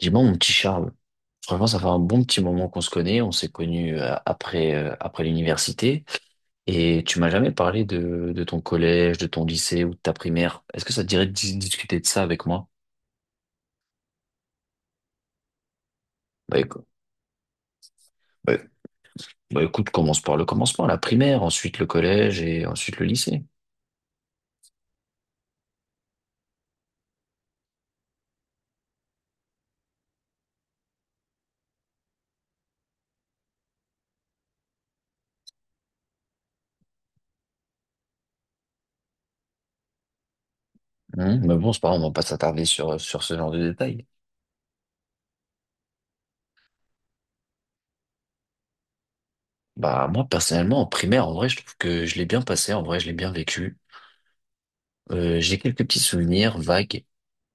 Dis-moi, mon petit Charles, franchement, ça fait un bon petit moment qu'on se connaît. On s'est connus après, après l'université. Et tu m'as jamais parlé de ton collège, de ton lycée ou de ta primaire. Est-ce que ça te dirait de discuter de ça avec moi? Bah, écou- bah, bah, écoute, commence par le commencement, la primaire, ensuite le collège et ensuite le lycée. Hein. Mais bon, c'est pas grave, on va pas s'attarder sur ce genre de détails. Bah, moi, personnellement, en primaire, en vrai, je trouve que je l'ai bien passé. En vrai, je l'ai bien vécu. J'ai quelques petits souvenirs vagues,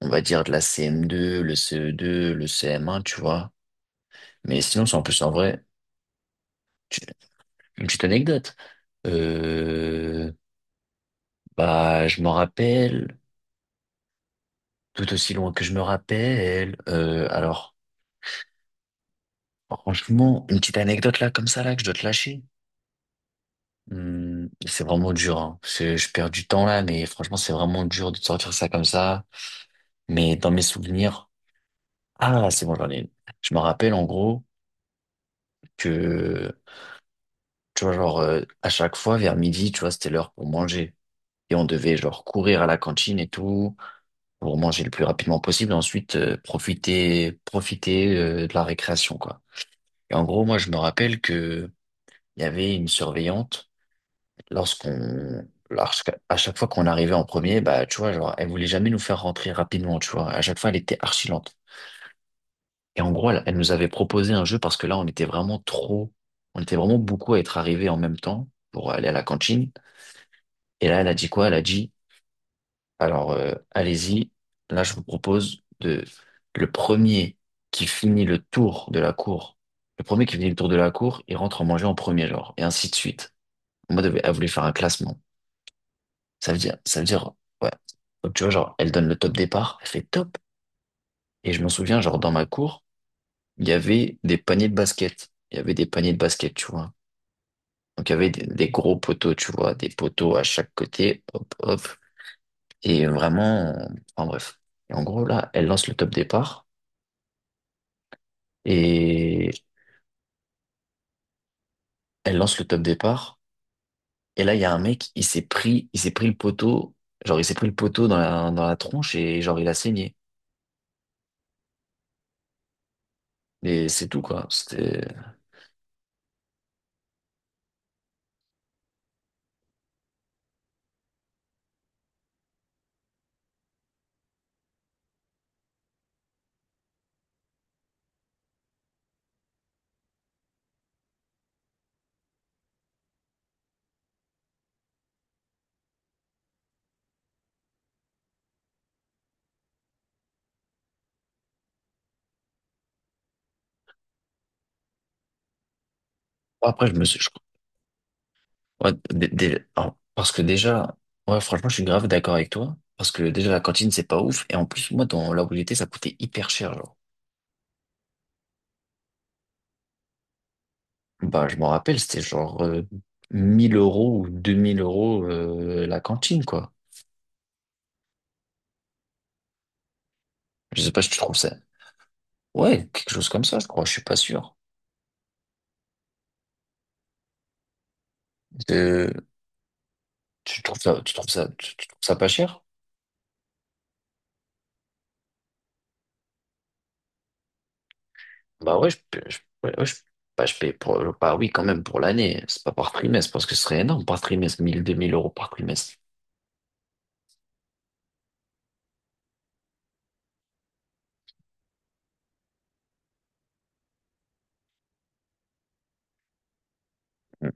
on va dire, de la CM2, le CE2, le CM1, tu vois. Mais sinon, c'est en plus en vrai, tu- une petite anecdote. Euh, bah, je m'en rappelle, tout aussi loin que je me rappelle. Alors, franchement, une petite anecdote là, comme ça, là, que je dois te lâcher. C'est vraiment dur, hein. Je perds du temps là, mais franchement, c'est vraiment dur de te sortir ça comme ça. Mais dans mes souvenirs, ah, c'est bon, j'en ai une. Je me rappelle en gros que tu vois, genre, à chaque fois, vers midi, tu vois, c'était l'heure pour manger. Et on devait, genre, courir à la cantine et tout, pour manger le plus rapidement possible. Ensuite, profiter, de la récréation, quoi. Et en gros, moi, je me rappelle que il y avait une surveillante, à chaque fois qu'on arrivait en premier, bah, tu vois, genre, elle voulait jamais nous faire rentrer rapidement, tu vois. À chaque fois, elle était archi lente. Et en gros, elle, elle nous avait proposé un jeu parce que là, on était vraiment trop, on était vraiment beaucoup à être arrivés en même temps pour aller à la cantine. Et là, elle a dit quoi? Elle a dit, alors, allez-y, là, je vous propose de, le premier qui finit le tour de la cour, le premier qui finit le tour de la cour, il rentre en manger en premier, genre, et ainsi de suite. En mode, elle voulait faire un classement. Ça veut dire, ouais. Donc, tu vois, genre, elle donne le top départ, elle fait top. Et je m'en souviens, genre, dans ma cour, Il y avait des paniers de basket, tu vois. Donc, il y avait des gros poteaux, tu vois, des poteaux à chaque côté, hop, hop. Et vraiment, en bref. Et en gros, là, Et elle lance le top départ. Et là, il y a un mec, il s'est pris le poteau. Genre, il s'est pris le poteau dans la tronche et genre, il a saigné. Et c'est tout, quoi. C'était, bon, après, je me suis, je- ouais, alors, parce que déjà, ouais, franchement, je suis grave d'accord avec toi. Parce que déjà, la cantine, c'est pas ouf. Et en plus, moi, dans là où j'étais, ça coûtait hyper cher, genre. Bah, je m'en rappelle, c'était genre, 1000 euros ou 2000 euros, la cantine, quoi. Je sais pas si tu trouves ça. Ouais, quelque chose comme ça, je crois. Je suis pas sûr. Euh, tu trouves ça pas cher? Bah ouais, je, paie- je, ouais, ouais, je, bah, je paye pour, bah oui, quand même pour l'année. C'est pas par trimestre parce que ce serait énorme par trimestre, mille deux mille euros par trimestre. Mm.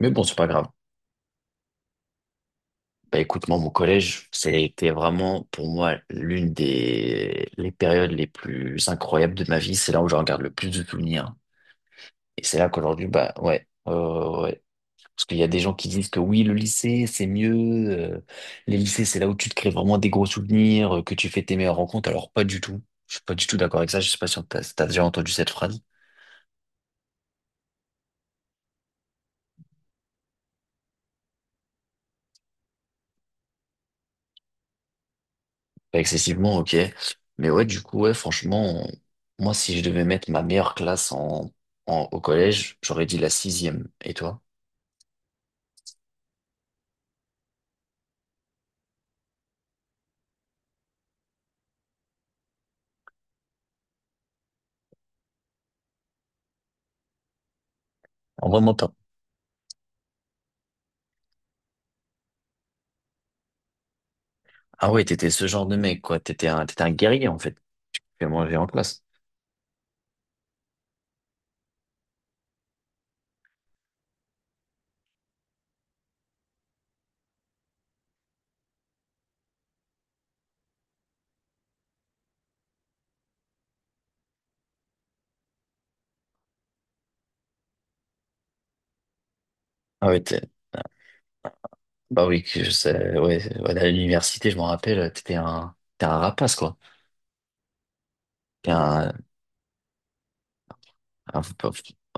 Mais bon, c'est pas grave. Bah écoute, moi, mon collège, c'était vraiment pour moi l'une des les périodes les plus incroyables de ma vie. C'est là où je regarde le plus de souvenirs. Et c'est là qu'aujourd'hui, bah ouais, ouais, ouais, ouais. Parce qu'il y a des gens qui disent que oui, le lycée, c'est mieux. euh, les lycées, c'est là où tu te crées vraiment des gros souvenirs, que tu fais tes meilleures rencontres. Alors, pas du tout. Je suis pas du tout d'accord avec ça. Je sais pas si t'as déjà entendu cette phrase. Pas excessivement, ok. Mais ouais, du coup, ouais, franchement, moi, si je devais mettre ma meilleure classe en, au collège, j'aurais dit la sixième. Et toi? En vraiment pas. Ah ouais, t'étais ce genre de mec, quoi. T'étais un guerrier, en fait. Tu manger en classe. Ah ouais, t'es- bah oui, que je sais, ouais, ouais, à l'université, je m'en rappelle, t'étais un rapace, quoi. Un, Faut pas,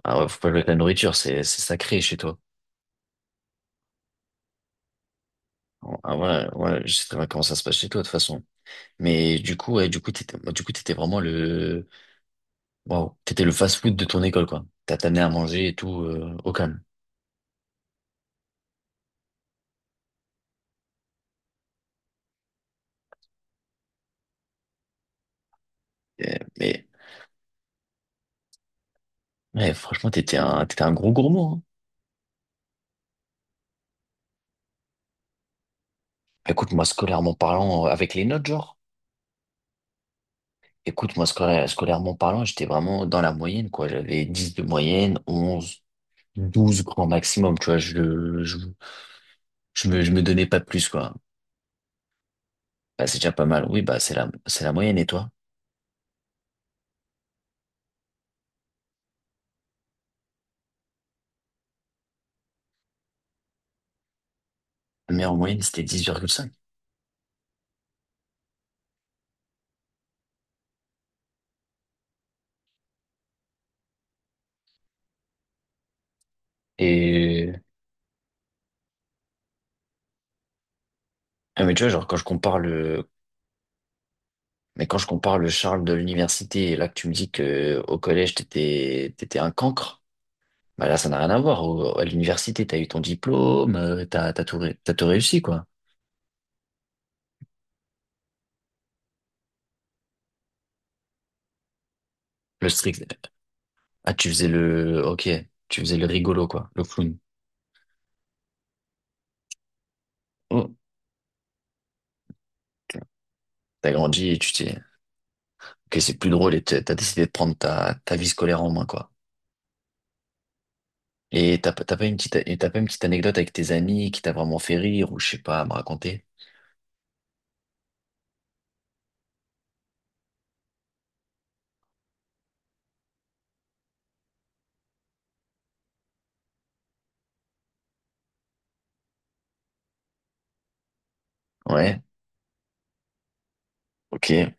ah ouais, faut pas jouer avec la nourriture, c'est sacré chez toi. Ah ouais, ouais, je sais très bien comment ça se passe chez toi de toute façon. Mais du coup, ouais, du coup, t'étais vraiment le, waouh, t'étais le fast-food de ton école, quoi. T'as t'amené à manger et tout, au calme. Et- mais, ouais, franchement, t'étais un gros gourmand, hein. Écoute, moi, scolairement parlant, avec les notes, genre, scolairement parlant, j'étais vraiment dans la moyenne, quoi. J'avais 10 de moyenne, onze, 12 grand maximum, tu vois, je me donnais pas plus, quoi. Bah, c'est déjà pas mal. Oui, bah, c'est la moyenne, et toi? La meilleure moyenne, c'était dix virgule cinq. Et, ah, mais tu vois, genre, quand je compare le, mais quand je compare le Charles de l'université, et là, que tu me dis que au collège, t'étais un cancre, bah, là, ça n'a rien à voir. À l'université, t'as eu ton diplôme, t'as tout réussi, quoi. Le strict, ah, tu faisais le rigolo, quoi, le clown. Oh, ok. T'as grandi et tu t'es, ok, c'est plus drôle et t'as décidé de prendre ta vie scolaire en main, quoi. Et t'as pas une petite, et t'as pas une petite anecdote avec tes amis qui t'a vraiment fait rire ou je sais pas à me raconter? Ouais, ok.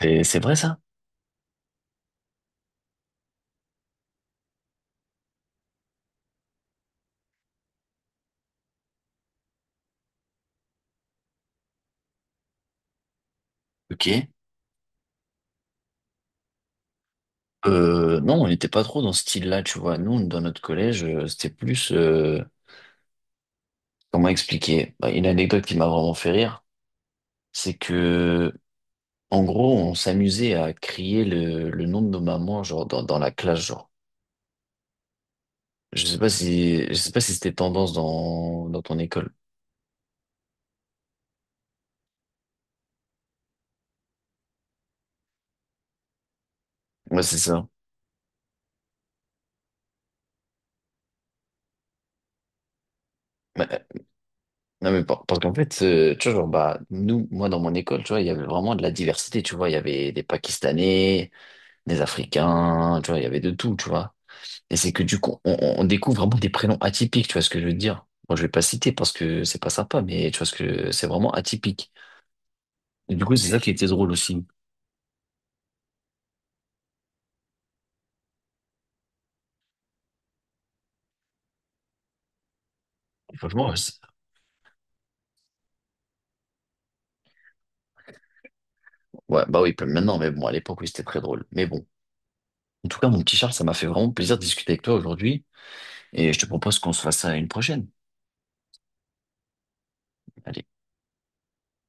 Et c'est vrai ça? Ok. Non, on n'était pas trop dans ce style-là, tu vois. Nous, dans notre collège, c'était plus... comment expliquer? Bah, une anecdote qui m'a vraiment fait rire, c'est que, en gros, on s'amusait à crier le nom de nos mamans, genre, dans la classe, genre. Je sais pas si c'était tendance dans ton école. Ouais, c'est ça. Mais- non, mais par- Parce qu'en fait, tu vois, genre, bah, moi, dans mon école, tu vois, il y avait vraiment de la diversité, tu vois. Il y avait des Pakistanais, des Africains, tu vois, il y avait de tout, tu vois. Et c'est que du coup, on découvre vraiment des prénoms atypiques, tu vois ce que je veux dire. Moi, je vais pas citer parce que c'est pas sympa, mais tu vois ce que c'est vraiment atypique. Et du coup, c'est ça qui était drôle aussi. Franchement, ouais, ouais, bah oui, maintenant, mais bon, à l'époque, oui, c'était très drôle. Mais bon. En tout cas, mon petit Charles, ça m'a fait vraiment plaisir de discuter avec toi aujourd'hui. Et je te propose qu'on se fasse ça à une prochaine. Allez.